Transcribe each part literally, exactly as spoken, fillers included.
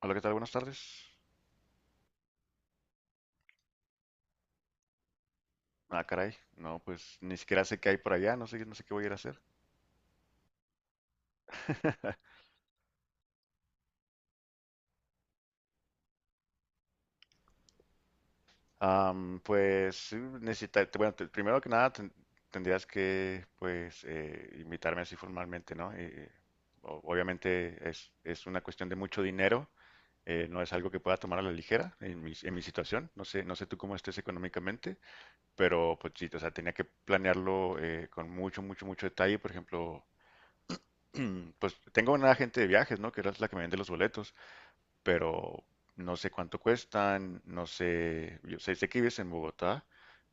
Hola, ¿qué tal? Buenas tardes. Ah, caray. No, pues ni siquiera sé qué hay por allá, no sé, no sé qué voy a ir a hacer. Am, pues sí, necesita, te- bueno, te- primero que nada ten- tendrías que pues eh, invitarme así formalmente, ¿no? Eh, eh, o- obviamente es, es una cuestión de mucho dinero, eh, no es algo que pueda tomar a la ligera en mi, en mi situación. No sé, no sé tú cómo estés económicamente, pero pues sí, o sea, tenía que planearlo eh, con mucho, mucho, mucho detalle. Por ejemplo, Mm, Pues tengo una agente de viajes, ¿no? Que era la que me vende los boletos, pero no sé cuánto cuestan, no sé, yo sé, sé que vives en Bogotá,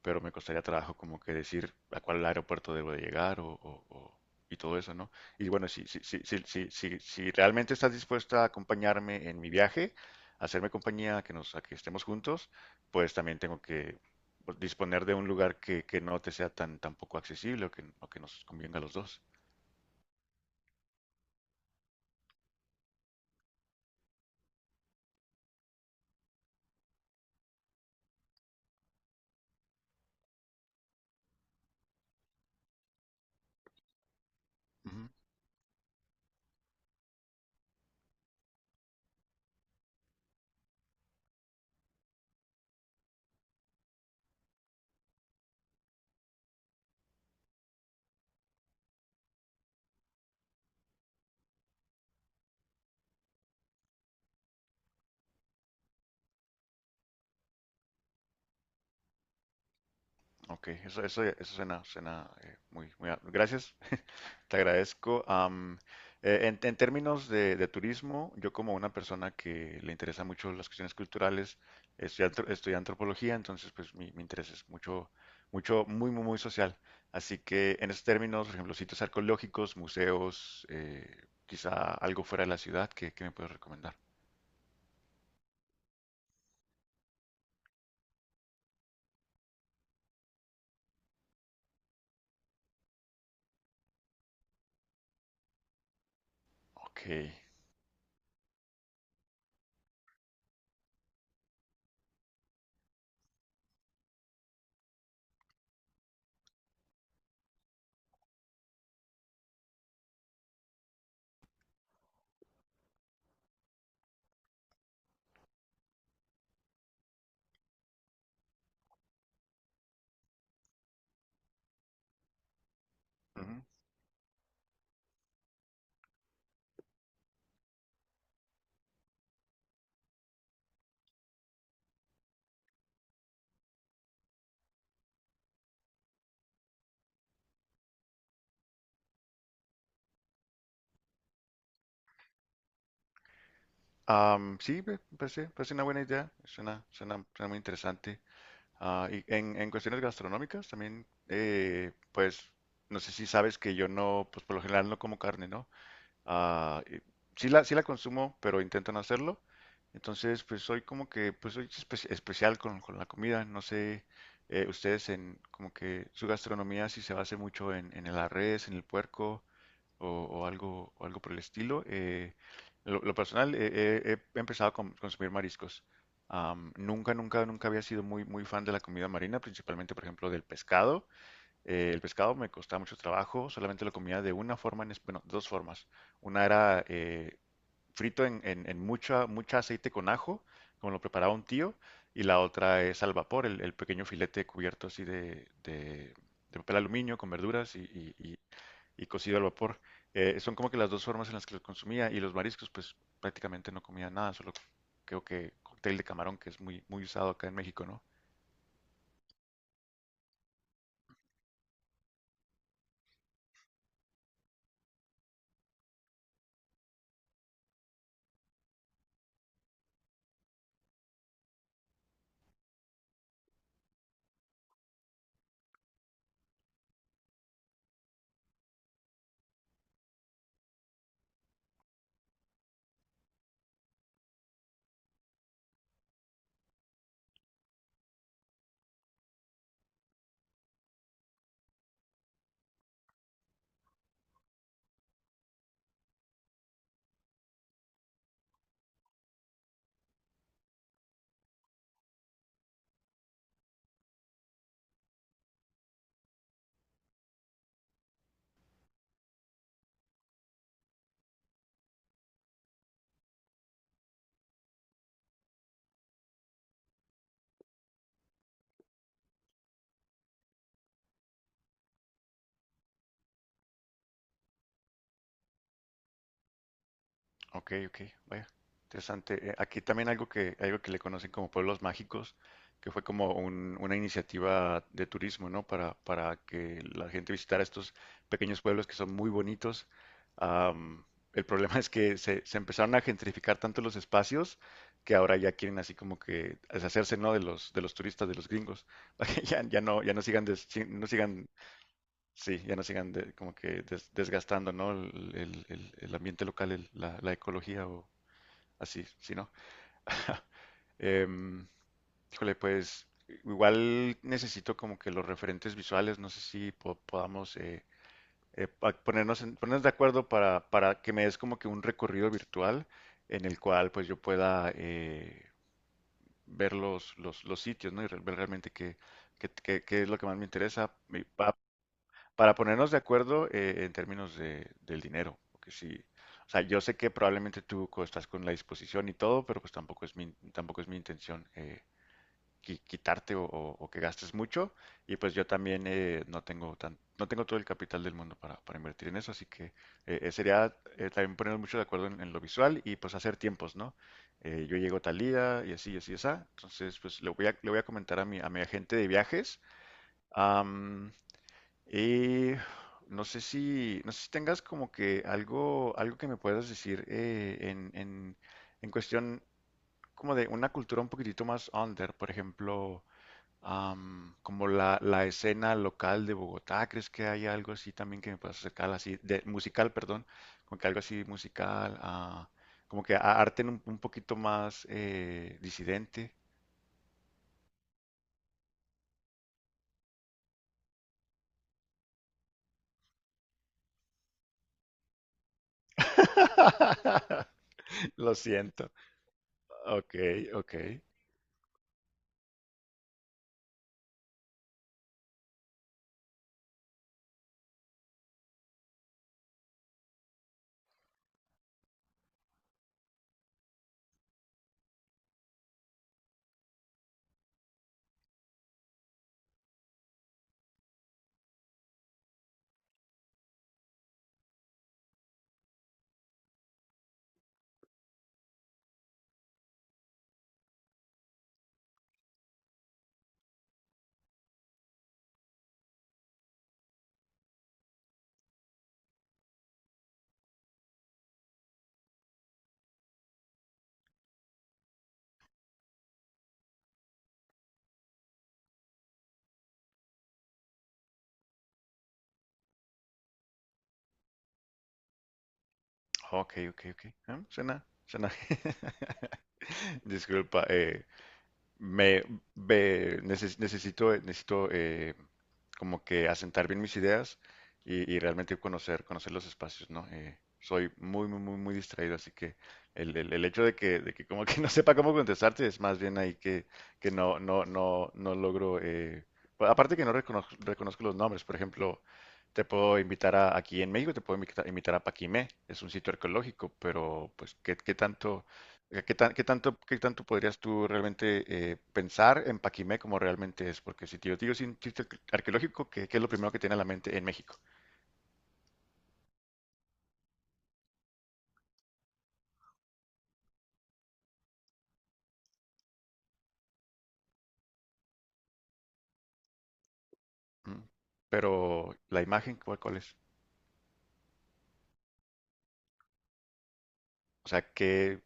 pero me costaría trabajo como que decir a cuál aeropuerto debo de llegar o, o- o- y todo eso, ¿no? Y bueno, si, si, si, si, si, si- si realmente estás dispuesta a acompañarme en mi viaje, a hacerme compañía, a que nos, a que estemos juntos, pues también tengo que pues, disponer de un lugar que, que no te sea tan, tan poco accesible o que, o que nos convenga a los dos. Ok, eso, eso, eso suena, suena eh, muy, muy... a- Gracias, te agradezco. Am, eh, en, en términos de, de turismo, yo como una persona que le interesa mucho las cuestiones culturales, estudié, antro- estudié antropología, entonces pues mi, mi interés es mucho, mucho, muy, muy, muy social. Así que en esos términos, por ejemplo, sitios arqueológicos, museos, eh, quizá algo fuera de la ciudad, ¿qué, qué me puedes recomendar? Ok. Ujú. Am, sí, me parece, parece una buena idea, suena, suena, suena muy interesante. Ah, y en, en cuestiones gastronómicas también, eh, pues no sé si sabes que yo no, pues por lo general no como carne, ¿no? Ah, y sí la, sí la consumo, pero intento no hacerlo. Entonces, pues soy como que, pues soy espe- especial con, con la comida. No sé, eh, ustedes en como que su gastronomía si se basa mucho en, en la res, en el puerco o, o algo, o algo por el estilo. Eh, lo, lo personal, eh, eh, he empezado a com- consumir mariscos. Am, nunca, nunca, nunca había sido muy, muy fan de la comida marina, principalmente, por ejemplo, del pescado. Eh, el pescado me costaba mucho trabajo, solamente lo comía de una forma, en, es- bueno, dos formas. Una era eh, frito en, en, en mucha, mucha aceite con ajo, como lo preparaba un tío, y la otra es al vapor, el, el pequeño filete cubierto así de, de- de papel aluminio con verduras y, y- y- y cocido al vapor. Eh, son como que las dos formas en las que lo consumía, y los mariscos, pues prácticamente no comía nada, solo creo que cóctel de camarón, que es muy, muy usado acá en México, ¿no? Ok, ok, vaya, interesante. Eh, Aquí también algo que, algo que le conocen como pueblos mágicos, que fue como un- una iniciativa de turismo, ¿no? Para, para que la gente visitara estos pequeños pueblos que son muy bonitos. Am, el problema es que se, se empezaron a gentrificar tanto los espacios que ahora ya quieren así como que deshacerse, ¿no? De los, de los turistas, de los gringos, para que ya, ya no, ya no sigan, des- si- no sigan. Sí, ya no sigan de- como que des- desgastando, ¿no? El, el- el- el ambiente local, el- la, la ecología o así, ¿sí, no? Em, híjole, pues igual necesito como que los referentes visuales, no sé si po- podamos eh, eh, pa- ponernos, en- ponernos de acuerdo para, para que me des como que un recorrido virtual en el cual pues yo pueda eh, ver los, los, los sitios, ¿no? Y re- ver realmente qué, qué, qué- qué es lo que más me interesa. Para ponernos de acuerdo eh, en términos de, del dinero, porque sí, o sea, yo sé que probablemente tú co- estás con la disposición y todo, pero pues tampoco es mi, tampoco es mi intención eh, qui- quitarte o, o- o que gastes mucho, y pues yo también eh, no tengo tan, no tengo todo el capital del mundo para, para invertir en eso, así que eh, eh, sería eh, también ponernos mucho de acuerdo en, en lo visual y pues hacer tiempos, ¿no? Eh, yo llego tal día y así, y así, y así, entonces pues le voy a, le voy a comentar a mi, a mi agente de viajes. Am, eh, no sé si, no sé si tengas como que algo, algo que me puedas decir eh, en, en, en cuestión como de una cultura un poquitito más under, por ejemplo, am, como la, la escena local de Bogotá, ¿crees que hay algo así también que me puedas acercar así, de musical, perdón, como que algo así musical, ah, como que a- arte un, un poquito más eh, disidente? Lo siento. Ok, ok. Ok, ok, ok. Ah, suena, suena. Disculpa, eh, me, me neces- necesito, necesito eh, como que asentar bien mis ideas y, y realmente conocer, conocer los espacios, ¿no? Eh, soy muy, muy, muy, muy distraído, así que el, el- el hecho de que, de que como que no sepa cómo contestarte es más bien ahí que, que no, no, no, no logro, eh, pa- aparte que no reconozco, reconozco los nombres, por ejemplo, te puedo invitar a, aquí en México, te puedo invita- invitar, a Paquimé, es un sitio arqueológico, pero pues, ¿qué, qué tanto? Eh, ¿Qué tan- qué tanto, qué tanto podrías tú realmente eh, pensar en Paquimé como realmente es? Porque si te yo te digo sin chiste arqueológico, ¿qué, qué es lo primero que tiene a la mente en México? ¿Mm? Pero la imagen, ¿cuál, cuál es? O sea, que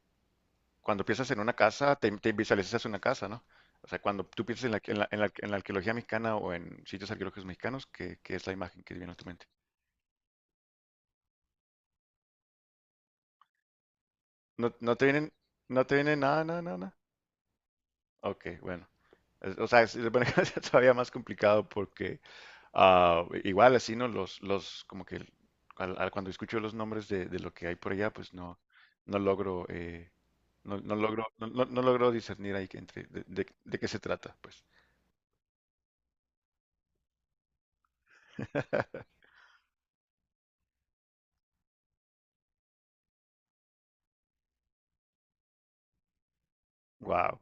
cuando piensas en una casa, te, te visualizas una casa, ¿no? O sea, cuando tú piensas en la, en la, en la- en la arqueología mexicana o en sitios arqueológicos mexicanos, ¿qué, qué es la imagen que viene a tu mente? ¿No, no te vienen, no te vienen nada, nada, nada? ¿Nada? Ok, bueno. Es- o sea, es, bueno, es todavía más complicado porque ah, igual así, ¿no? Los, los, como que al- al- cuando escucho los nombres de, de lo que hay por allá, pues no, no logro, eh, no, no logro, no, no- no logro discernir ahí que entre de, de- de qué se trata, pues. Wow.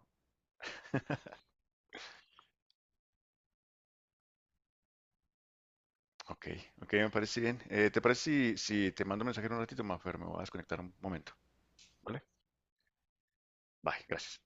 Ok, ok, me parece bien. Eh, ¿te parece si, si te mando un mensaje en un ratito, Mafer? Me voy a desconectar un momento, ¿vale? Bye, gracias.